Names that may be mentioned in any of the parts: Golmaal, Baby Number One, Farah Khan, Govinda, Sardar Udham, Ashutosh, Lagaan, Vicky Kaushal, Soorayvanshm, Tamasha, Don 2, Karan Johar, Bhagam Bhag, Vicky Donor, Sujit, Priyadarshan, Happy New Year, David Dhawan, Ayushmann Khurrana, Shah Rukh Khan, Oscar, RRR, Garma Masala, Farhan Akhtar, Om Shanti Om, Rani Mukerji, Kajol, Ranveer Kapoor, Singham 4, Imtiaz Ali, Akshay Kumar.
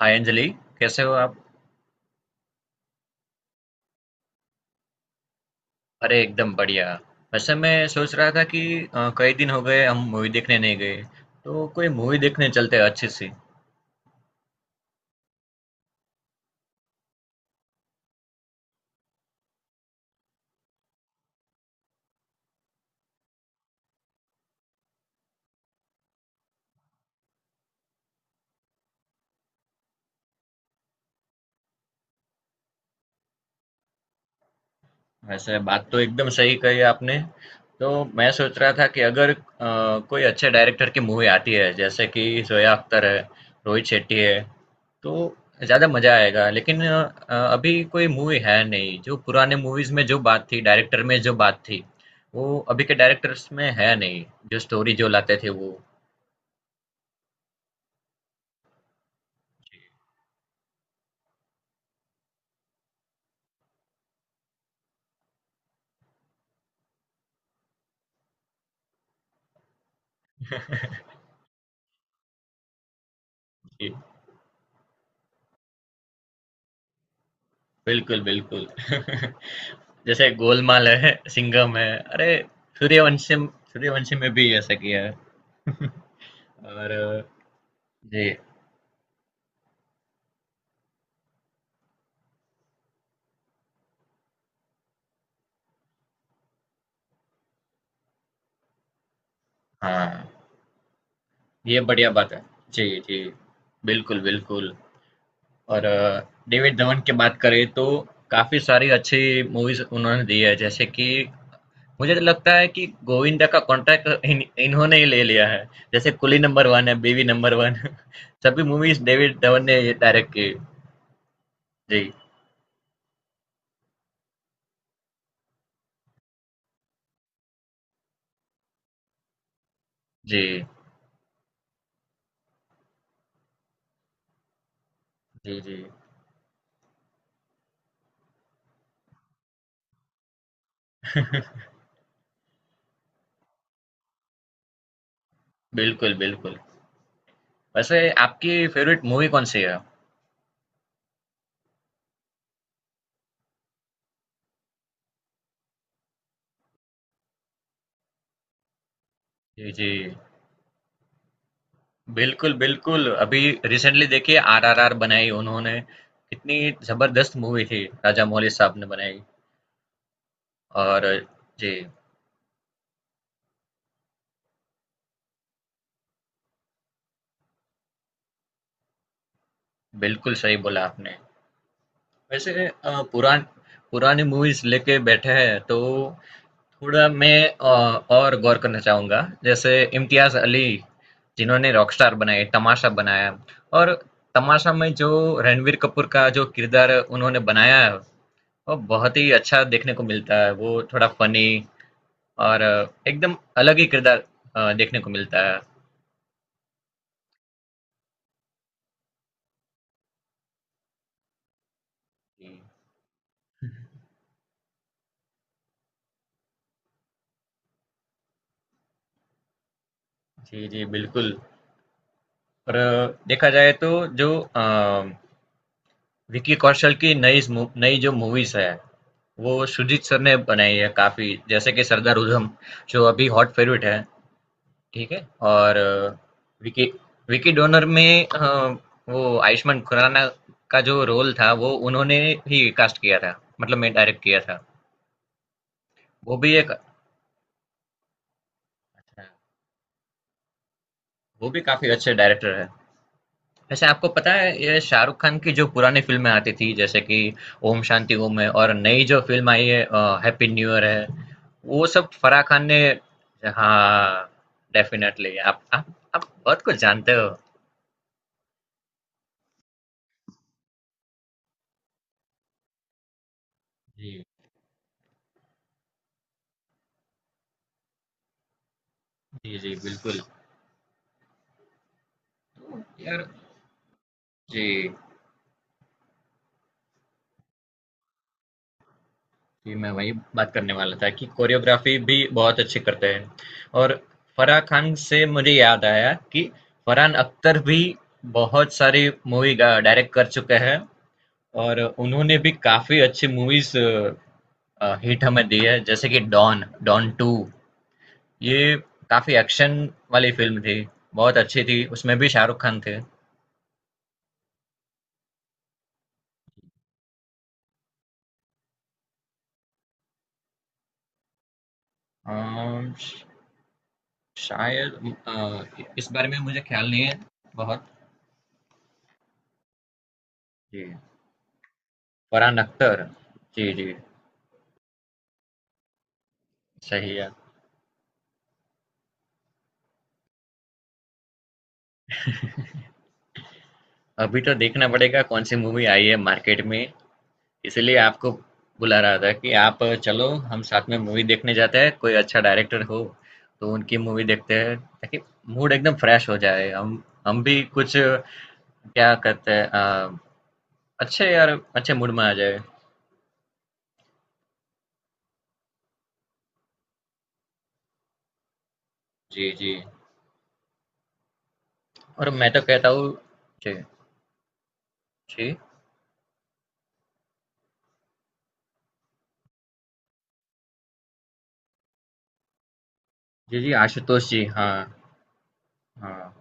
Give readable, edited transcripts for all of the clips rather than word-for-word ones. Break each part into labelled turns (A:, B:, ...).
A: हाय अंजलि। कैसे हो आप? अरे एकदम बढ़िया। वैसे मैं सोच रहा था कि कई दिन हो गए हम मूवी देखने नहीं गए। तो कोई मूवी देखने चलते हैं अच्छी सी। वैसे बात तो एकदम सही कही आपने। तो मैं सोच रहा था कि अगर कोई अच्छे डायरेक्टर की मूवी आती है जैसे कि जोया अख्तर है, रोहित शेट्टी है। तो ज़्यादा मज़ा आएगा लेकिन अभी कोई मूवी है नहीं। जो पुराने मूवीज़ में जो बात थी, डायरेक्टर में जो बात थी, वो अभी के डायरेक्टर्स में है नहीं। जो स्टोरी जो लाते थे वो। जी, बिल्कुल, बिल्कुल। जैसे गोलमाल है, सिंघम है, अरे सूर्यवंशम, सूर्यवंशम में भी ऐसा किया है। और अ, जी, हाँ, ये बढ़िया बात है। जी, जी, बिल्कुल, बिल्कुल। और डेविड धवन की बात करें तो काफी सारी अच्छी मूवीज उन्होंने दी है। जैसे कि मुझे तो लगता है कि गोविंदा का कॉन्ट्रैक्ट इन्होंने ही ले लिया है। जैसे कुली नंबर वन है, बेबी नंबर वन सभी मूवीज डेविड धवन ने डायरेक्ट की। जी, जी, जी, जी, बिल्कुल, बिल्कुल। वैसे आपकी फ़ेवरेट मूवी कौन-सी है? जी, जी। बिल्कुल, बिल्कुल। अभी रिसेंटली देखिए आरआरआर बनाई उन्होंने, कितनी ज़बरदस्त मूवी थी राजा मौली साहब ने बनाई। और जी, बिल्कुल सही बोला आपने। वैसे पुरानी मूवीज़ लेके बैठे हैं तो थोड़ा मैं और गौर करना चाहूँगा। जैसे इम्तियाज़ अली जिन्होंने रॉकस्टार बनाए, तमाशा बनाया। और तमाशा में जो रणबीर कपूर का जो किरदार उन्होंने बनाया है, वो बहुत ही अच्छा देखने को मिलता है। वो थोड़ा फ़नी और एकदम अलग ही किरदार देखने को मिलता है। जी, जी, बिल्कुल। और देखा जाए तो जो अ, विक्की कौशल की नई स मू नई जो मूवीज़ है वो सुजीत सर ने बनाई है काफ़ी, जैसे कि सरदार उधम, जो अभी हॉट फेवरेट है, ठीक है? और विकी विकी डोनर में वो आयुष्मान खुराना का जो रोल था, वो उन्होंने ही कास्ट किया था, मतलब में डायरेक्ट किया था। वो भी एक वो भी काफ़ी अच्छे डायरेक्टर हैं। वैसे आपको पता है ये शाहरुख खान की जो पुरानी फिल्में आती थी जैसे कि ओम शांति ओम है, और नई जो फिल्म आई है हैप्पी न्यू ईयर है, वो सब फराह खान ने। हाँ, डेफिनेटली आप बहुत कुछ जानते हो। जी, जी, जी, बिल्कुल। तो यार, जी, जी, मैं वही बात करने वाला था कि कोरियोग्राफी भी बहुत अच्छी करते हैं। और फराह खान से मुझे याद आया कि फरहान अख्तर भी बहुत सारी मूवी डायरेक्ट कर चुके हैं। और उन्होंने भी काफ़ी अच्छी मूवीज़ हिट हमें दी है, जैसे कि डॉन, डॉन टू। ये काफ़ी एक्शन वाली फिल्म थी, बहुत अच्छी थी, उसमें भी शाहरुख खान थे। अम, श- शायद इस बारे में मुझे ख्याल नहीं है बहुत। जी, फरहान अख्तर, जी, जी, सही है। अभी तो देखना पड़ेगा कौन सी मूवी आई है मार्केट में। इसीलिए आपको बुला रहा था कि आप चलो हम साथ में मूवी देखने जाते हैं। कोई अच्छा डायरेक्टर हो तो उनकी मूवी देखते हैं, ताकि मूड एकदम फ्रेश हो जाए, हम भी कुछ क्या कहते हैं अच्छे यार अच्छे मूड में आ जाए। जी, जी। और मैं तो कहता हूँ, जी, जी, जी, जी, आशुतोष जी, हाँ, हाँ,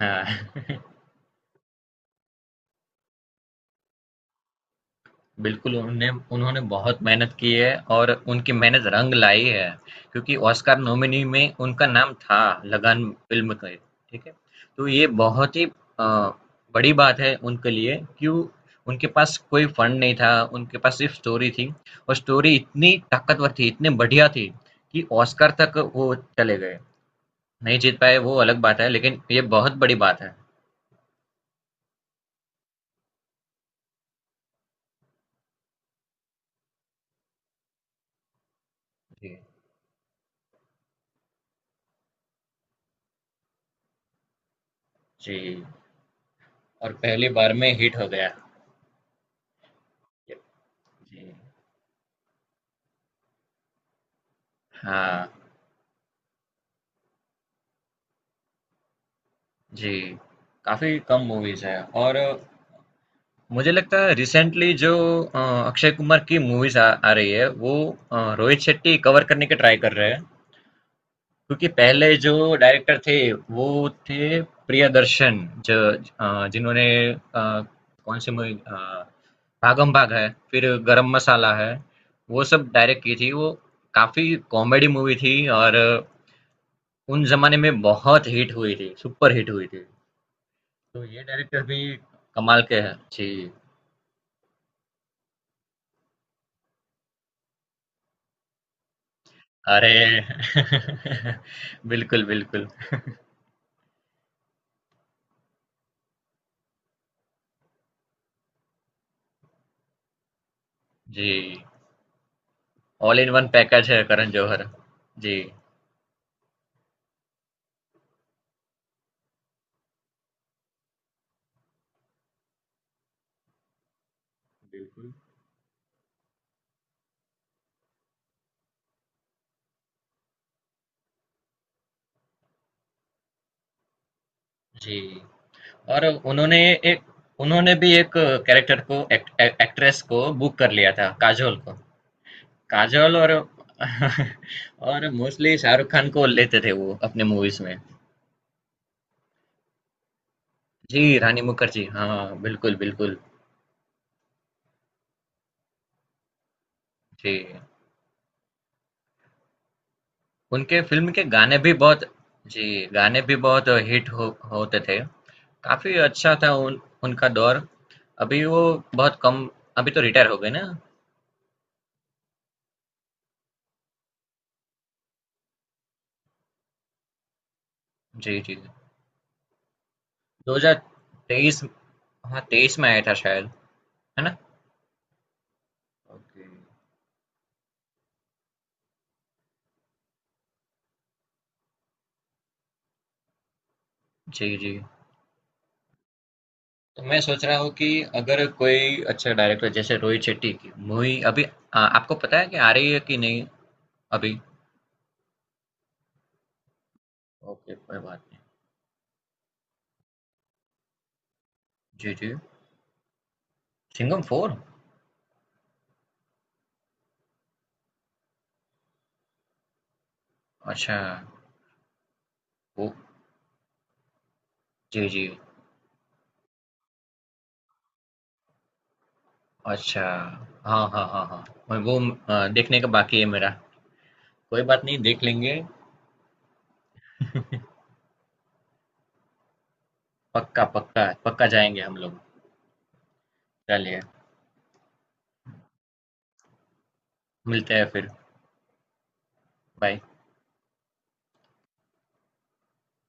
A: हाँ। बिल्कुल, उन्होंने उन्होंने बहुत मेहनत की है और उनकी मेहनत रंग लाई है, क्योंकि ऑस्कर नॉमिनी में उनका नाम था लगान फ़िल्म के, ठीक है? तो ये बहुत ही अ, बड़ी बात है उनके लिए, क्यों उनके पास कोई फंड नहीं था, उनके पास सिर्फ स्टोरी थी। और स्टोरी इतनी ताकतवर थी, इतनी बढ़िया थी कि ऑस्कर तक वो चले गए। नहीं जीत पाए वो अलग बात है, लेकिन ये बहुत बड़ी बात है। जी, जी, और पहली बार में हिट हो गया। जी, हाँ। जी, काफ़ी कम मूवीज़ हैं। और मुझे लगता है रिसेंटली जो अ, अक्षय कुमार की मूवीज़ आ रही है, वो रोहित शेट्टी कवर करने की ट्राई कर रहे हैं। क्योंकि पहले जो डायरेक्टर थे, वो थे प्रियदर्शन, जो जिन्होंने अ, कौन सी मूवी, भागम भाग है, फिर गरम मसाला है, वो सब डायरेक्ट की थी वो। काफ़ी कॉमेडी मूवी थी। और उन जमाने में बहुत हिट हुई थी, सुपर हिट हुई थी। तो ये डायरेक्टर भी कमाल के हैं। जी। अरे! बिल्कुल, बिल्कुल। जी। ऑल इन वन पैकेज है करण जौहर। जी। बिल्कुल। जी। और उन्होंने एक उन्होंने भी एक कैरेक्टर को, एक, एक, एक्ट्रेस को बुक कर लिया था, काजोल को। काजोल और और मोस्टली शाहरुख खान को लेते थे वो अपने मूवीज़ में। जी, रानी मुखर्जी। हाँ, बिल्कुल, बिल्कुल। जी। उनके फ़िल्म के गाने भी बहुत, जी, गाने भी बहुत हिट हो होते थे। काफ़ी अच्छा था उन उनका दौर। अभी वो बहुत कम, अभी तो रिटायर हो गए ना? जी, जी। 2023, हाँ, 23 में आया था शायद, है ना? ओके, जी, जी। तो मैं सोच रहा हूँ कि अगर कोई अच्छा डायरेक्टर जैसे रोहित शेट्टी की मूवी अभी आपको पता है कि आ रही है कि नहीं अभी? ओके, कोई बात नहीं। जी, जी। सिंघम 4? अच्छा, वो, जी, जी। अच्छा। हाँ, हाँ, हाँ, हाँ। मैं वो देखने का बाकी है मेरा। कोई बात नहीं, देख लेंगे। पक्का, पक्का, पक्का जाएँगे हम लोग। चलिए, मिलते हैं फिर। बाय।